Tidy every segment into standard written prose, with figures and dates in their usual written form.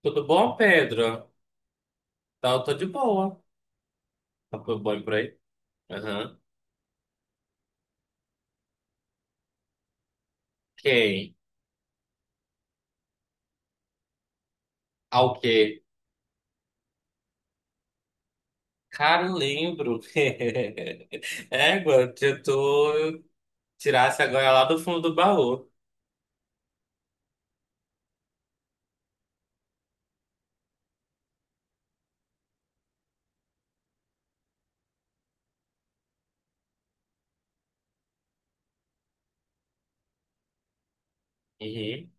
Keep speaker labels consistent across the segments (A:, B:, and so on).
A: Tudo bom, Pedro? Tá, eu tô de boa. Tá tudo bom por aí? Aham. Quem? Ao quê? Cara, eu lembro. Égua, se tu tirasse agora lá do fundo do baú. Uhum.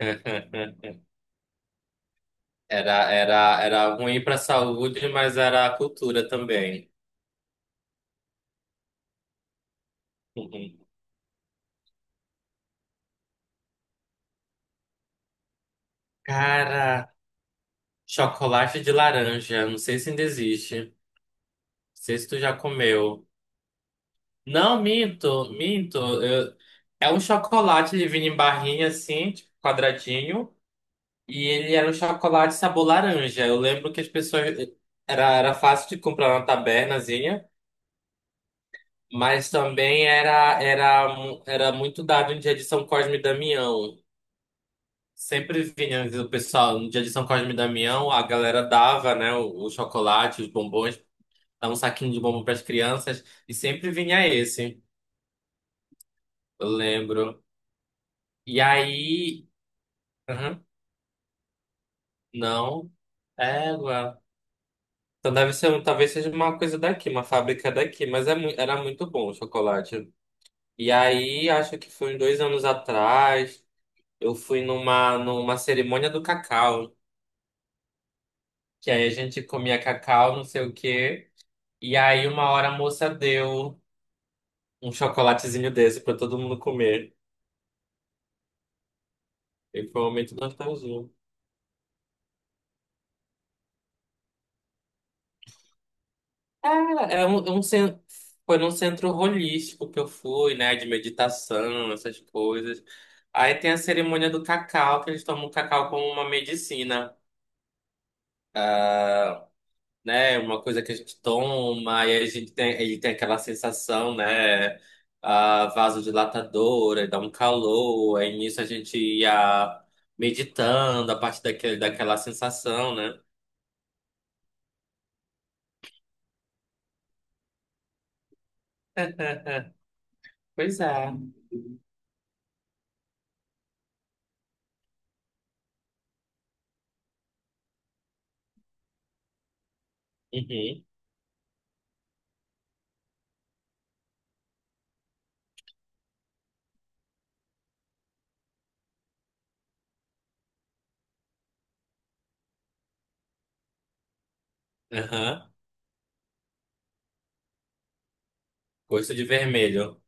A: Era ruim pra saúde, mas era a cultura também. Uhum. Cara, chocolate de laranja. Não sei se ainda existe. Não sei se tu já comeu. Não, minto. Eu- É um chocolate, ele vinha em barrinha assim, tipo, quadradinho, e ele era um chocolate sabor laranja. Eu lembro que as pessoas. Era fácil de comprar na tabernazinha, mas também era muito dado em dia de São Cosme e Damião. Sempre vinha o pessoal, no dia de São Cosme e Damião, a galera dava, né, o chocolate, os bombons, dava um saquinho de bombom para as crianças, e sempre vinha esse, eu lembro. E aí. Não, égua. Então deve ser, talvez seja uma coisa daqui, uma fábrica daqui, mas é, era muito bom o chocolate. E aí, acho que foi uns dois anos atrás, eu fui numa cerimônia do cacau, que aí a gente comia cacau, não sei o quê, e aí uma hora a moça deu um chocolatezinho desse pra todo mundo comer. E foi um momento de nostalgia. Cara, foi num centro holístico que eu fui, né? De meditação, essas coisas. Aí tem a cerimônia do cacau, que eles tomam o cacau como uma medicina, né? Uma coisa que a gente toma, e aí a gente tem, ele tem aquela sensação, né? Ah, vasodilatadora, dá um calor. Aí nisso a gente ia meditando a partir daquela sensação, né? Pois é. Uhum. Aham. Gosto de vermelho.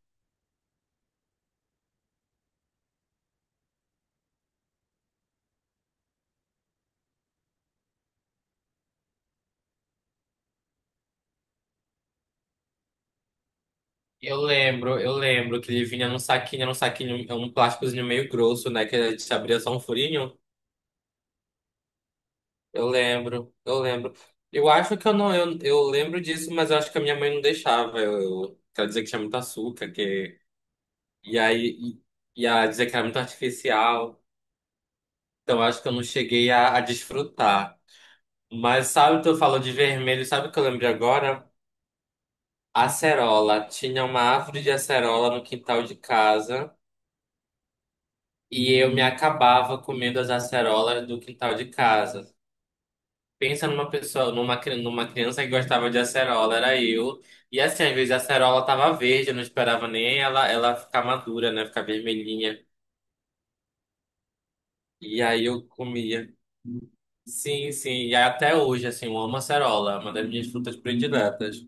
A: Eu lembro que ele vinha num saquinho, era um saquinho, um plásticozinho meio grosso, né? Que a gente abria só um furinho. Eu lembro. Eu acho que eu não, eu lembro disso, mas eu acho que a minha mãe não deixava. Quero dizer que tinha muito açúcar, que e aí e a dizer que era muito artificial. Então eu acho que eu não cheguei a desfrutar. Mas sabe o que eu falo de vermelho? Sabe o que eu lembrei agora? Acerola. Tinha uma árvore de acerola no quintal de casa. E eu me acabava comendo as acerolas do quintal de casa. Pensa numa pessoa, numa criança que gostava de acerola, era eu. E assim, às vezes a acerola tava verde, eu não esperava nem ela, ela ficar madura, né? Ficar vermelhinha. E aí eu comia. Sim, sim. E até hoje, assim, eu amo acerola, é uma das minhas frutas prediletas.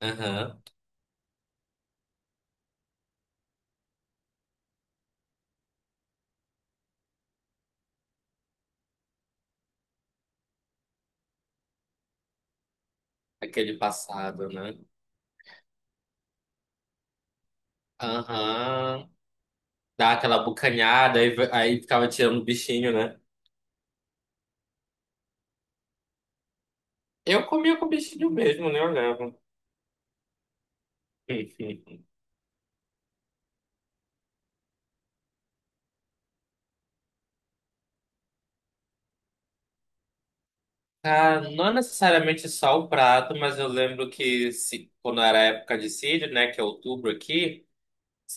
A: Aham. Aquele passado, né? Aham. Dá aquela bucanhada, aí ficava tirando o bichinho, né? Eu comia com o bichinho mesmo, né? Enfim. Ah, não é necessariamente só o prato, mas eu lembro que se, quando era época de sírio, né, que é outubro aqui,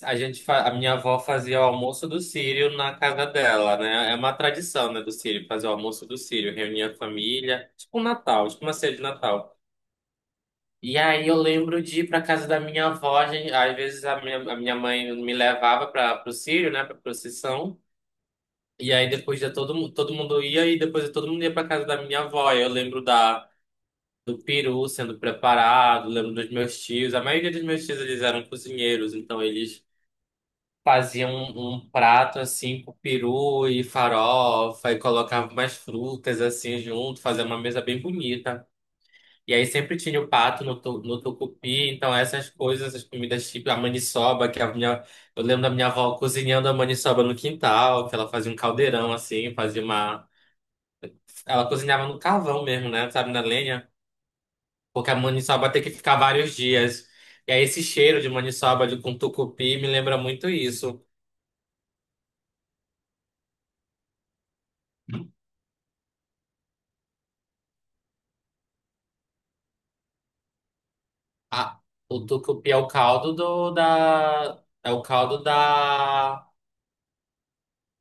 A: a minha avó fazia o almoço do sírio na casa dela, né? É uma tradição, né, do sírio fazer o almoço do sírio, reunir a família, tipo um Natal, tipo uma ceia de Natal. E aí eu lembro de ir para casa da minha avó, às vezes a minha mãe me levava para o sírio, né, para procissão. E aí depois todo mundo ia e depois todo mundo ia para casa da minha avó. Eu lembro da do peru sendo preparado, lembro dos meus tios. A maioria dos meus tios eles eram cozinheiros, então eles faziam um prato assim com peru e farofa e colocavam mais frutas assim junto, fazia uma mesa bem bonita. E aí sempre tinha o pato no tucupi, então essas coisas, essas comidas tipo a maniçoba, eu lembro da minha avó cozinhando a maniçoba no quintal, que ela fazia um caldeirão assim, fazia uma, ela cozinhava no carvão mesmo, né, sabe, na lenha. Porque a maniçoba tem que ficar vários dias. E aí esse cheiro de maniçoba de, com tucupi me lembra muito isso. Ah, o tucupi é o caldo do, da... É o caldo da...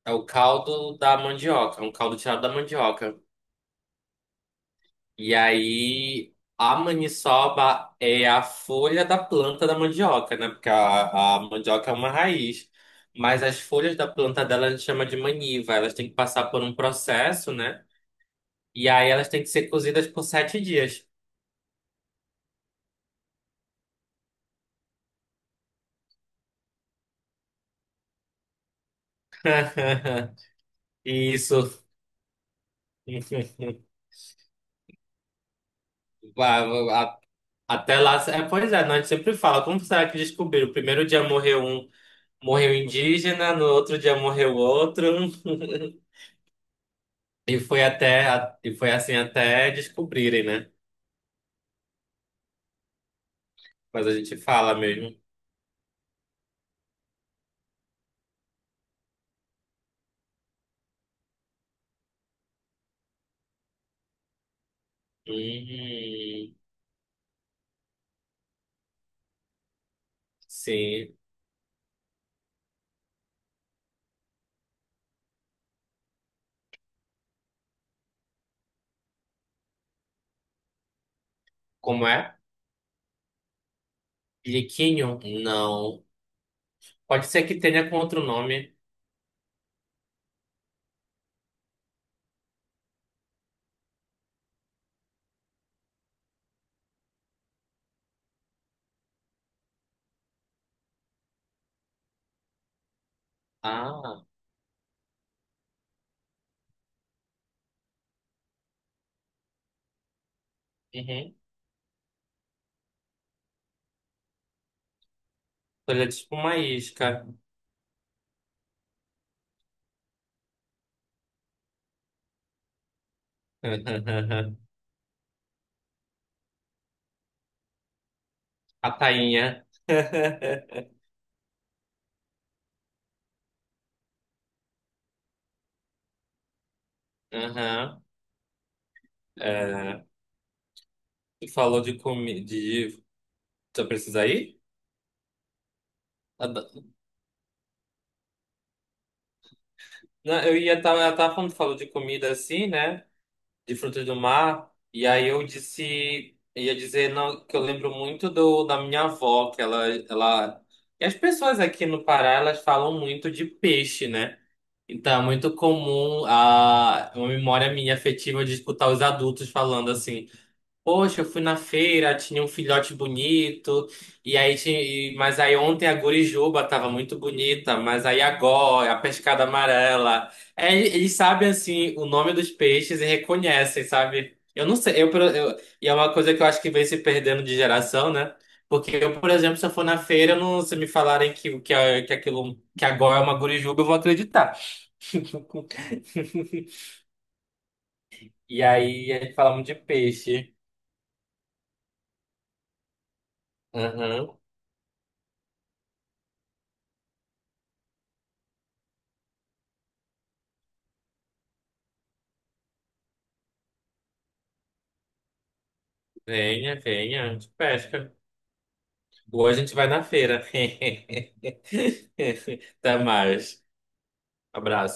A: É o caldo da mandioca. É um caldo tirado da mandioca. E aí a maniçoba é a folha da planta da mandioca, né? Porque a mandioca é uma raiz. Mas as folhas da planta dela a gente chama de maniva. Elas têm que passar por um processo, né? E aí elas têm que ser cozidas por sete dias. Isso. Ah, a- Até lá. É, pois é, nós sempre fala, como será que descobriram? O primeiro dia morreu um indígena, no outro dia morreu outro. E foi assim até descobrirem, né? Mas a gente fala mesmo. Hum, sim. Como é? Liquinho? Não. Pode ser que tenha com outro nome. Ah, uhum. Olha, tipo uma isca. A tainha. Aham. É, tu falou de comida. De... Tu precisa ir? Ah, da- Não, eu ia estar. Ela tava falando, falou de comida assim, né? De frutos do mar. E aí eu disse. Ia dizer não, que eu lembro muito da minha avó, que ela. E as pessoas aqui no Pará, elas falam muito de peixe, né? Então é muito comum a uma memória minha afetiva de escutar os adultos falando assim. Poxa, eu fui na feira, tinha um filhote bonito, e aí tinha, mas aí ontem a gurijuba tava muito bonita, mas aí agora, a pescada amarela. É, eles sabem assim o nome dos peixes e reconhecem, sabe? Eu não sei, e é uma coisa que eu acho que vem se perdendo de geração, né? Porque eu, por exemplo, se eu for na feira, eu não, se me falarem que aquilo que agora é uma gurijuba, eu vou acreditar. E aí a gente fala muito de peixe. Aham. Venha, venha, a gente pesca. Ou a gente vai na feira. Até mais, abraço.